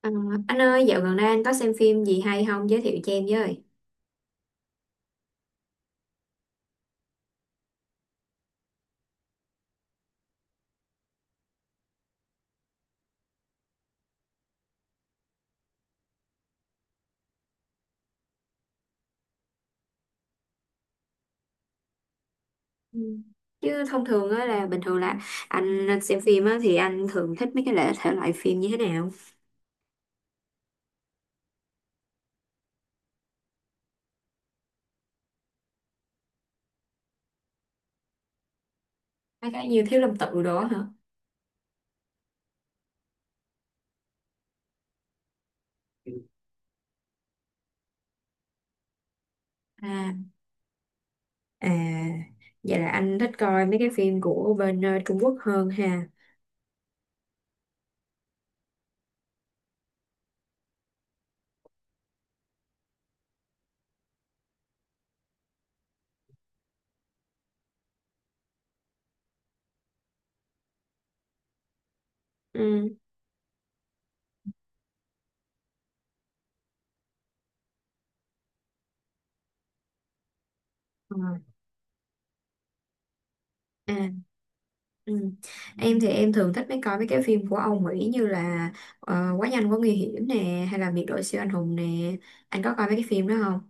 Ờ, anh ơi, dạo gần đây anh có xem phim gì hay không, giới thiệu cho em với. Ừ. Chứ thông thường á, là bình thường là anh xem phim á thì anh thường thích mấy cái thể loại phim như thế nào? Mấy cái như Thiếu Lâm Tự đó hả? À, à, vậy là anh thích coi mấy cái phim của bên Trung Quốc hơn ha. Ừ. ờ, À, ừ. Em thì em thường thích coi mấy cái phim của Âu Mỹ như là Quá nhanh quá nguy hiểm nè, hay là Biệt đội siêu anh hùng nè. Anh có coi mấy cái phim đó không?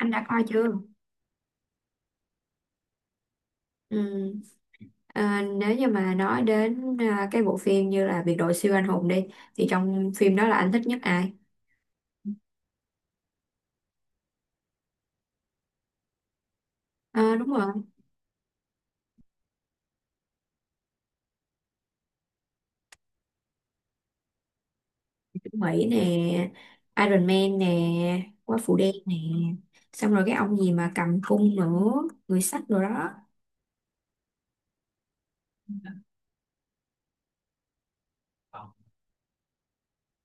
Anh đã coi chưa? Ừ. À, nếu như mà nói đến cái bộ phim như là Biệt đội siêu anh hùng đi, thì trong phim đó là anh thích nhất ai? À, đúng rồi, Mỹ nè, Iron Man nè, Quả Phụ Đen nè, xong rồi cái ông gì mà cầm cung nữa, người sắt rồi đó.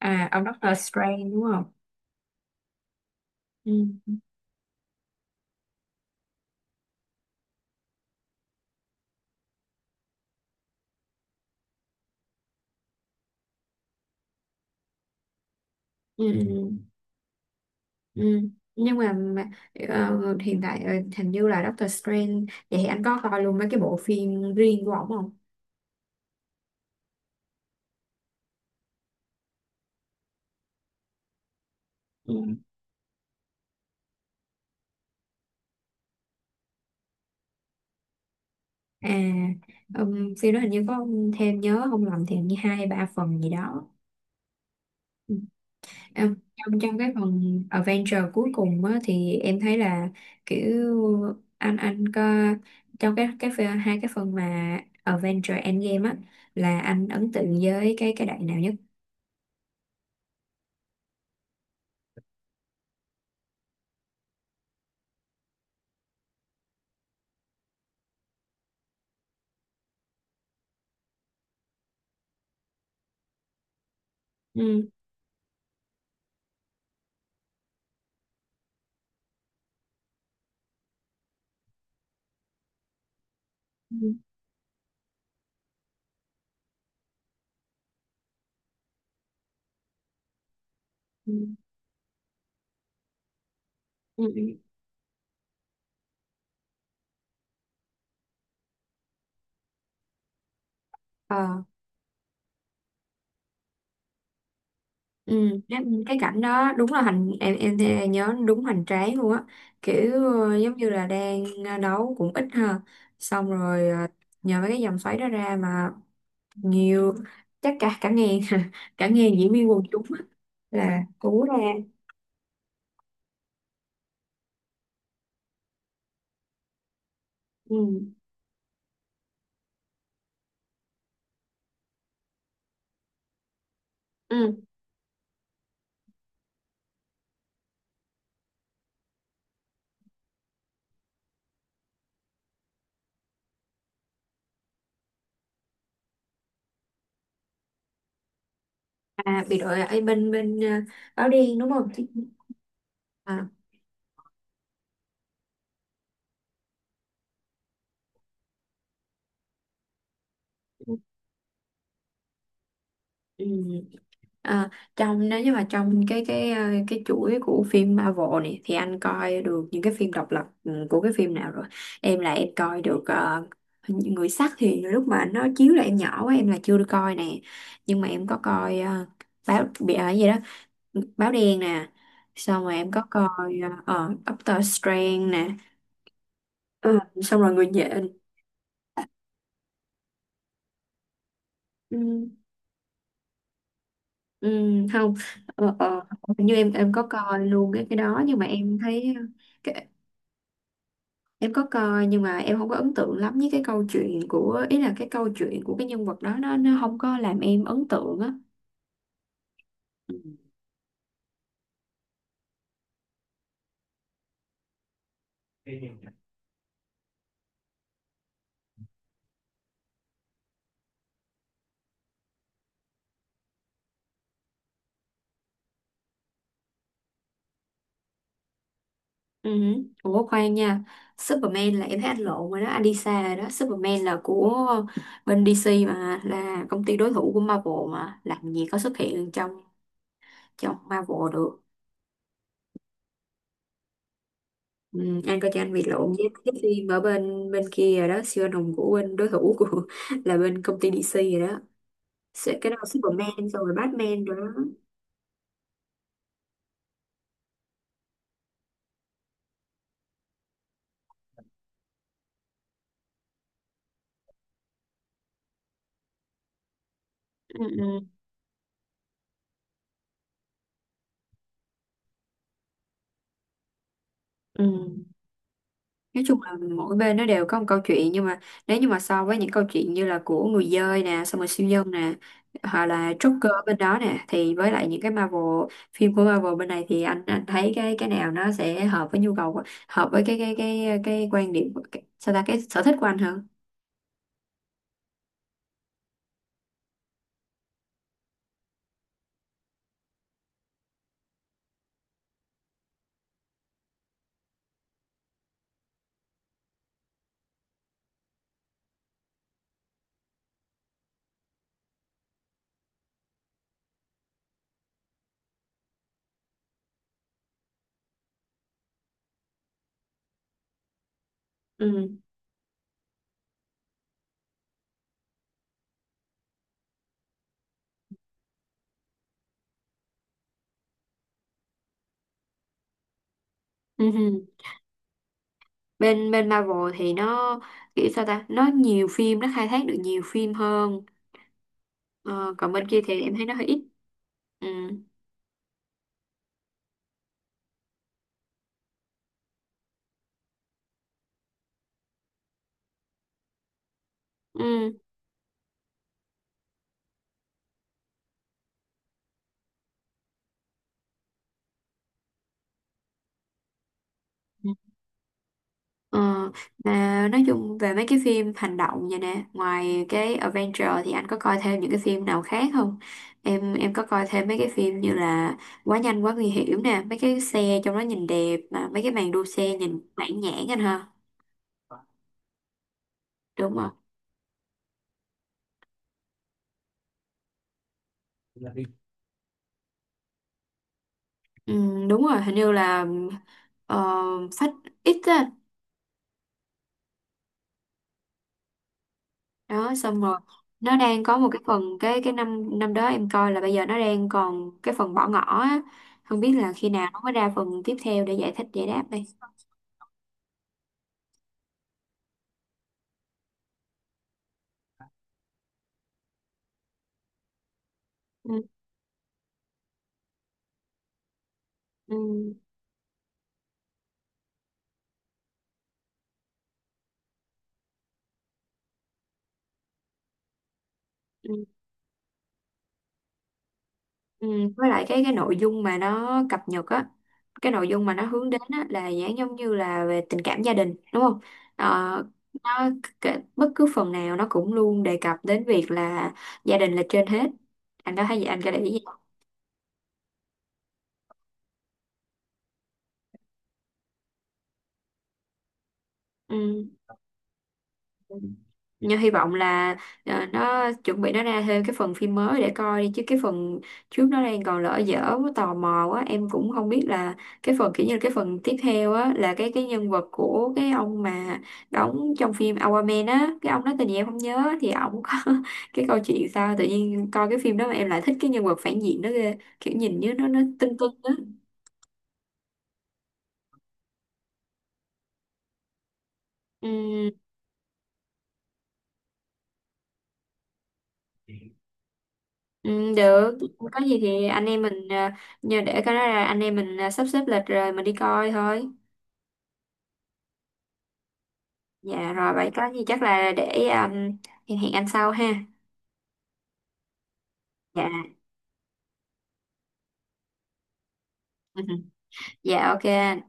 À, ông Doctor Strange đúng không? Ừ. Ừ. Ừ. Ừ. ừ. Nhưng mà, hiện tại hình như là Doctor Strange, vậy thì anh có coi luôn mấy cái bộ phim riêng của ổng không? à, phim đó hình như có thêm, nhớ không lầm thì hình như hai hay ba phần gì đó. Ừ. Trong trong cái phần Avenger cuối cùng á, thì em thấy là kiểu anh có, trong cái hai cái phần mà Avenger Endgame á, là anh ấn tượng với cái đoạn nào nhất. Ừ. Ừ. Ừ. Ừ. Ừ. Ờ. Ừ, cái cảnh đó đúng là hành em thì nhớ đúng hoành tráng luôn á, kiểu ờ, giống như là đang đấu cũng ít ha, xong rồi ờ, nhờ mấy cái dòng xoáy đó ra mà nhiều, chắc cả cả ngàn cả ngàn diễn viên quần chúng á, là cú ra. Ừ. Ừ. à, bị đội ở bên bên ờ, áo đen đúng không? Chứ- à. Ừ. À, trong, nếu như mà trong cái ờ, cái chuỗi của phim Marvel này thì anh coi được những cái phim độc lập ừ, của cái phim nào rồi. Em là em coi được ờ, Người sắt thì lúc mà nó chiếu là em nhỏ quá, em là chưa được coi nè, nhưng mà em có coi ờ, báo bị ở gì đó, báo đen nè, xong rồi em có coi Doctor Strange nè. Ờ, xong rồi người nhện. Ừ, ừ, không, ờ, ờ, hình như em có coi luôn cái đó nhưng mà em thấy. Em có coi nhưng mà em không có ấn tượng lắm với cái câu chuyện của, ý là cái câu chuyện của cái nhân vật đó nó không có làm em ấn tượng á. Ừ. Ừ. Ủa khoan nha, Superman là em thấy anh lộn rồi đó, anh đi xa rồi đó, Superman là của bên DC mà, là công ty đối thủ của Marvel mà, làm gì có xuất hiện trong trong Marvel được. Ừ, anh coi cho anh bị lộn với cái phim ở bên bên kia rồi đó, siêu anh hùng của bên đối thủ của là bên công ty DC rồi đó. Sẽ- cái đó là Superman xong rồi Batman rồi đó. Ừ. ừ. Ừ. Nói chung là mỗi bên nó đều có một câu chuyện, nhưng mà nếu như mà so với những câu chuyện như là của người dơi nè, xong rồi siêu nhân nè, hoặc là Joker bên đó nè, thì với lại những cái Marvel, phim của Marvel bên này, thì anh thấy cái nào nó sẽ hợp với nhu cầu của- hợp với cái quan điểm của- cái, sao ta, cái sở thích của anh hơn. Ừ. Ừ. hừ. Bên bên Marvel thì nó kiểu sao ta, nó nhiều phim, nó khai thác được nhiều phim hơn, ờ, còn bên kia thì em thấy nó hơi ít. Ừ. Ừ. Ờ, mà nói chung về mấy cái phim hành động vậy nè, ngoài cái Avenger thì anh có coi thêm những cái phim nào khác không? Em có coi thêm mấy cái phim như là Quá nhanh quá nguy hiểm nè, mấy cái xe trong đó nhìn đẹp, mà mấy cái màn đua xe nhìn mãn nhãn anh ha. Đúng rồi. Ừ, đúng rồi, hình như là ờ, Phách X á. Đó xong rồi nó đang có một cái phần, cái năm năm đó em coi là bây giờ nó đang còn cái phần bỏ ngỏ á. Không biết là khi nào nó mới ra phần tiếp theo để giải thích giải đáp đây. Ừ, ừ, ừ, ừ. Với lại cái nội dung mà nó cập nhật á, cái nội dung mà nó hướng đến á là dạng giống như là về tình cảm gia đình đúng không? Ờ, nó cái- bất cứ phần nào nó cũng luôn đề cập đến việc là gia đình là trên hết, anh có thấy vậy, anh có để ý gì không? ừ. Nhưng hy vọng là ờ, nó chuẩn bị nó ra thêm cái phần phim mới để coi đi, chứ cái phần trước nó đang còn lỡ dở quá, tò mò quá, em cũng không biết là cái phần kiểu như là cái phần tiếp theo á, là cái nhân vật của cái ông mà đóng trong phim Aquaman á, cái ông đó tên gì em không nhớ, thì ổng có cái câu chuyện sao tự nhiên coi cái phim đó mà em lại thích cái nhân vật phản diện đó ghê, kiểu nhìn như nó tưng tưng á. Ừ, ừ, được, có gì thì anh em mình ờ, nhờ để cái đó là anh em mình ờ, sắp xếp lịch rồi mình đi coi thôi. Dạ rồi vậy có gì chắc là để hẹn hẹn anh sau ha. Dạ. Dạ ok anh.